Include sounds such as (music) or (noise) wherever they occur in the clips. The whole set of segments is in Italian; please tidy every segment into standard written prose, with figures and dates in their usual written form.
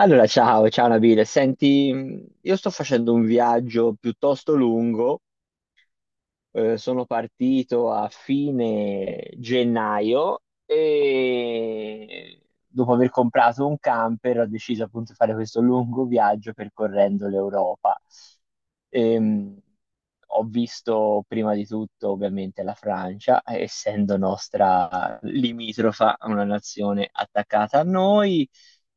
Allora, ciao, ciao Nabile. Senti, io sto facendo un viaggio piuttosto lungo. Sono partito a fine gennaio e dopo aver comprato un camper ho deciso appunto di fare questo lungo viaggio percorrendo l'Europa. Ehm, Ho visto prima di tutto ovviamente la Francia, essendo nostra limitrofa, una nazione attaccata a noi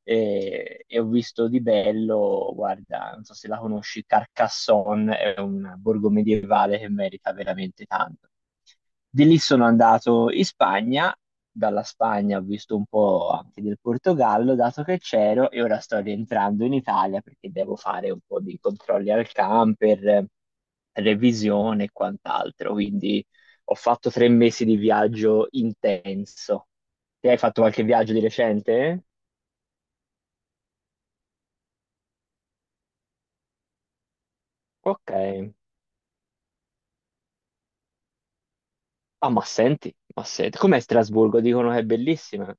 e ho visto di bello, guarda, non so se la conosci, Carcassonne, è un borgo medievale che merita veramente tanto. Di lì sono andato in Spagna, dalla Spagna ho visto un po' anche del Portogallo, dato che c'ero, e ora sto rientrando in Italia perché devo fare un po' di controlli al camper, revisione e quant'altro, quindi ho fatto 3 mesi di viaggio intenso. Te hai fatto qualche viaggio di recente? Ok. Ah, ma senti, com'è Strasburgo? Dicono che è bellissima.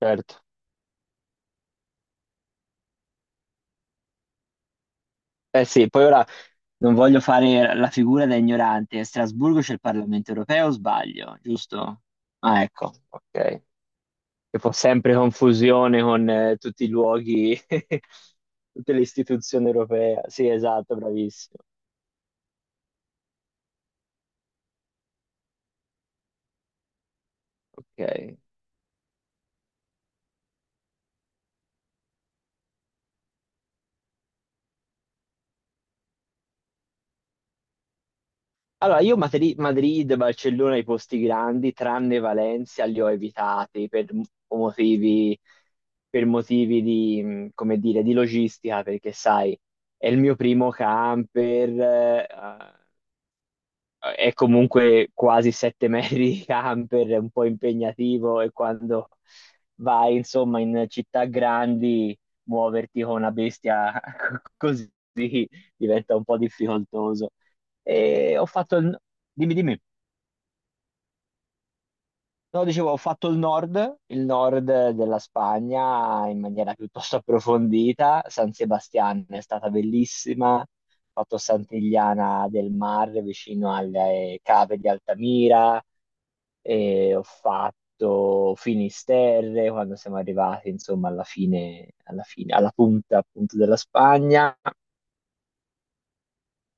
Certo. Eh sì, poi ora non voglio fare la figura da ignorante. A Strasburgo c'è il Parlamento europeo, o sbaglio, giusto? Ah, ecco, ok. Che fa sempre confusione con tutti i luoghi, (laughs) tutte le istituzioni europee. Sì, esatto, bravissimo. Ok. Allora, io Madrid, Barcellona, i posti grandi, tranne Valencia, li ho evitati motivi, per motivi di, come dire, di logistica, perché sai, è il mio primo camper, è comunque quasi 7 (laughs) metri di camper, è un po' impegnativo e quando vai, insomma, in città grandi, muoverti con una bestia (laughs) così diventa un po' difficoltoso. E ho fatto il... Dimmi, dimmi. No, dicevo, ho fatto il nord della Spagna in maniera piuttosto approfondita. San Sebastian è stata bellissima. Ho fatto Sant'Iliana del Mar vicino alle cave di Altamira e ho fatto Finisterre quando siamo arrivati, insomma, alla punta appunto della Spagna.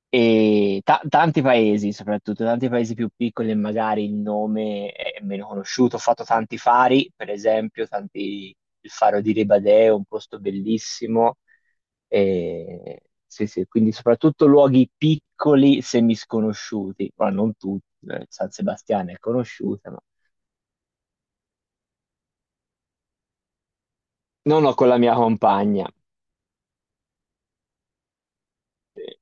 E tanti paesi, soprattutto tanti paesi più piccoli, e magari il nome è meno conosciuto. Ho fatto tanti fari, per esempio, il faro di Ribadeo, un posto bellissimo. Sì, sì, quindi soprattutto luoghi piccoli, semisconosciuti, ma non tutti. San Sebastiano è conosciuta, ma non ho con la mia compagna. Eh,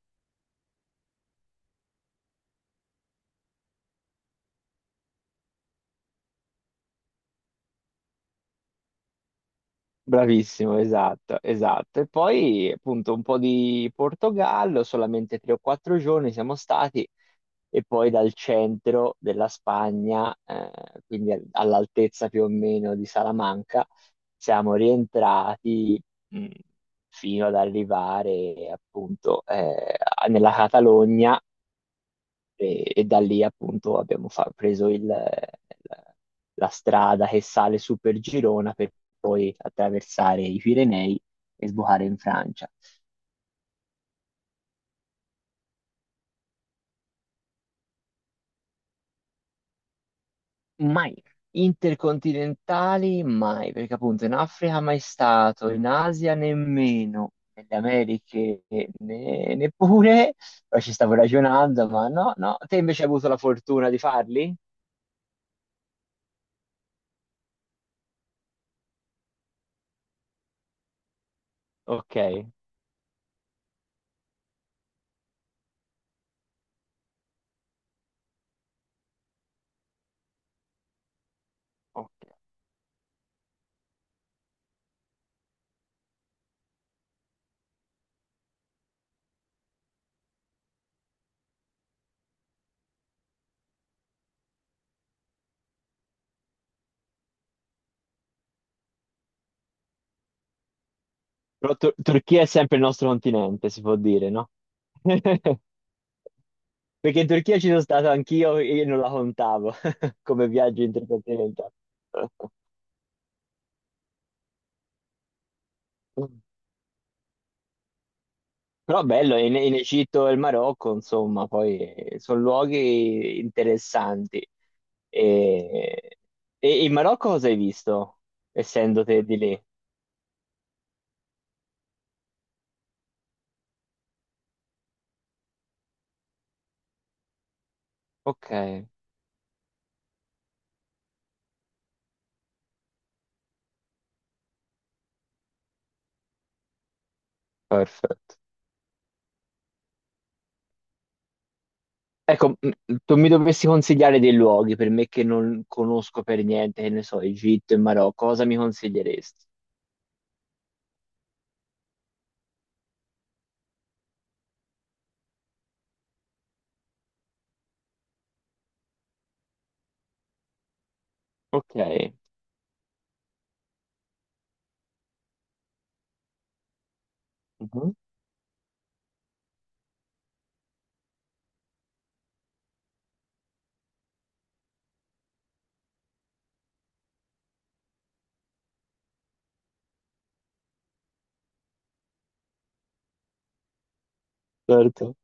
Bravissimo, esatto, esatto. E poi appunto un po' di Portogallo, solamente 3 o 4 giorni siamo stati e poi dal centro della Spagna, quindi all'altezza più o meno di Salamanca, siamo rientrati mh, fino ad arrivare appunto nella Catalogna e da lì appunto abbiamo preso la strada che sale su per Girona per poi attraversare i Pirenei e sbucare in Francia. Mai. Intercontinentali mai, perché appunto in Africa mai stato, in Asia nemmeno, nelle Americhe neppure, poi ci stavo ragionando, ma no, no. Te invece hai avuto la fortuna di farli? Ok, ok. Però Turchia è sempre il nostro continente, si può dire, no? (laughs) Perché in Turchia ci sono stato anch'io e non la contavo (laughs) come viaggio intercontinentale. (laughs) Però bello, in Egitto e il Marocco, insomma, poi sono luoghi interessanti. E, e in Marocco cosa hai visto, essendo te di lì? Ok, perfetto. Ecco, tu mi dovresti consigliare dei luoghi per me che non conosco per niente, che ne so, Egitto e Marocco, cosa mi consiglieresti? Ok, mhm, certo.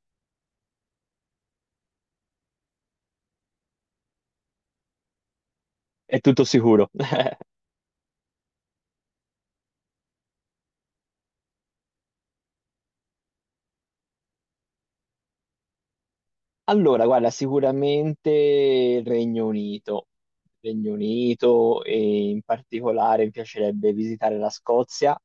È tutto sicuro. Allora, guarda, sicuramente il Regno Unito. Regno Unito e in particolare mi piacerebbe visitare la Scozia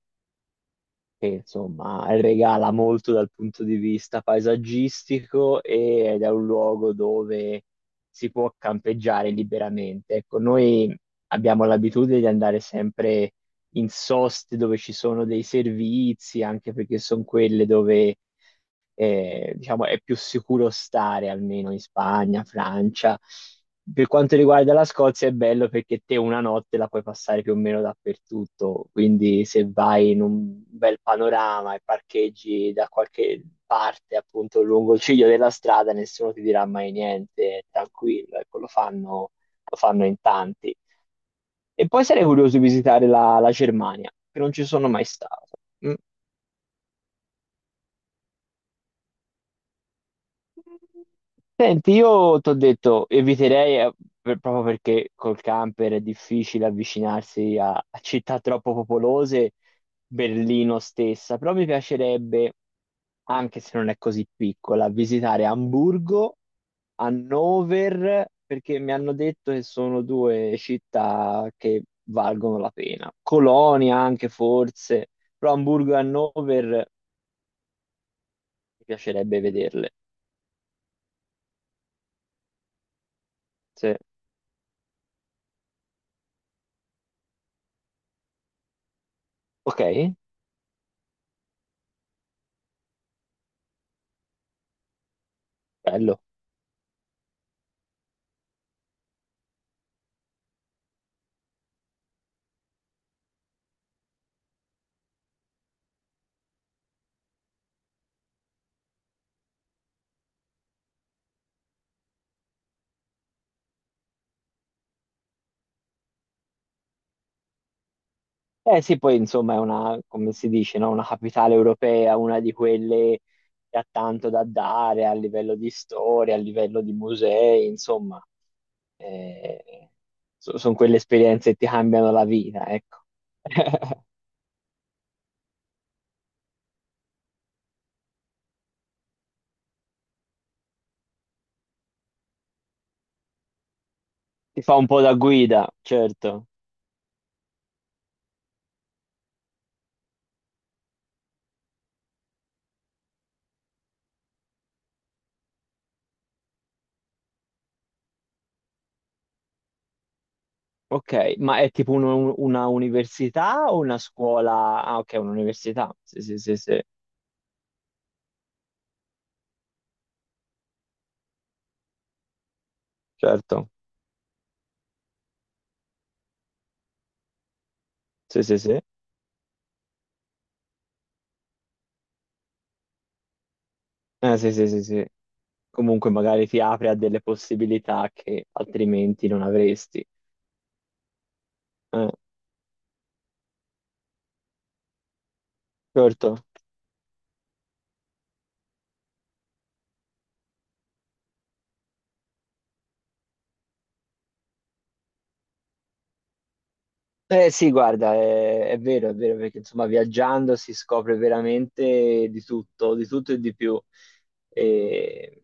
che insomma regala molto dal punto di vista paesaggistico ed è un luogo dove si può campeggiare liberamente. Ecco, noi abbiamo l'abitudine di andare sempre in soste dove ci sono dei servizi, anche perché sono quelle dove diciamo, è più sicuro stare, almeno in Spagna, Francia. Per quanto riguarda la Scozia è bello perché te una notte la puoi passare più o meno dappertutto, quindi se vai in un bel panorama e parcheggi da qualche parte, appunto lungo il ciglio della strada, nessuno ti dirà mai niente, è tranquillo, ecco, lo fanno in tanti. E poi sarei curioso di visitare la Germania, che non ci sono mai stato. Mm. Senti, io ti ho detto, eviterei proprio perché col camper è difficile avvicinarsi a, a città troppo popolose, Berlino stessa, però mi piacerebbe, anche se non è così piccola, visitare Amburgo, Hannover, perché mi hanno detto che sono due città che valgono la pena. Colonia anche forse, però Amburgo e Hannover mi piacerebbe vederle. Sì. Ok, bello. Eh sì, poi insomma è una, come si dice, no? Una capitale europea, una di quelle che ha tanto da dare a livello di storia, a livello di musei, insomma, sono quelle esperienze che ti cambiano la vita, ecco. (laughs) Ti fa un po' da guida, certo. Ok, ma è tipo una università o una scuola? Ah, ok, un'università. Sì, sì, sì, sì, certo. Sì, sì, sì. Sì, sì, sì, sì. Comunque magari ti apre a delle possibilità che altrimenti non avresti. Eh, certo. Eh sì, guarda, è vero, è vero, perché insomma viaggiando si scopre veramente di tutto e di più. E,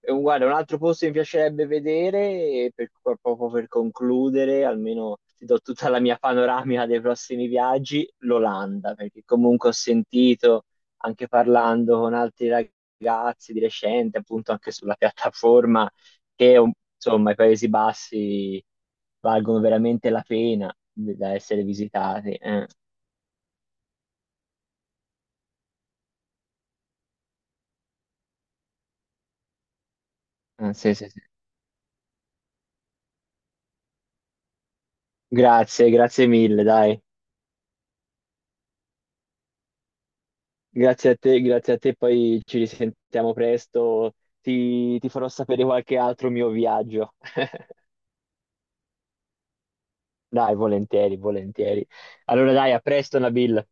e guarda, un altro posto che mi piacerebbe vedere, e proprio per concludere, almeno ti do tutta la mia panoramica dei prossimi viaggi, l'Olanda, perché comunque ho sentito, anche parlando con altri ragazzi di recente, appunto anche sulla piattaforma, che insomma i Paesi Bassi valgono veramente la pena da essere visitati. Ah, sì, sì, sì. Grazie, grazie mille, dai. Grazie a te, poi ci risentiamo presto. Ti farò sapere qualche altro mio viaggio. (laughs) Dai, volentieri, volentieri. Allora dai, a presto, Nabil.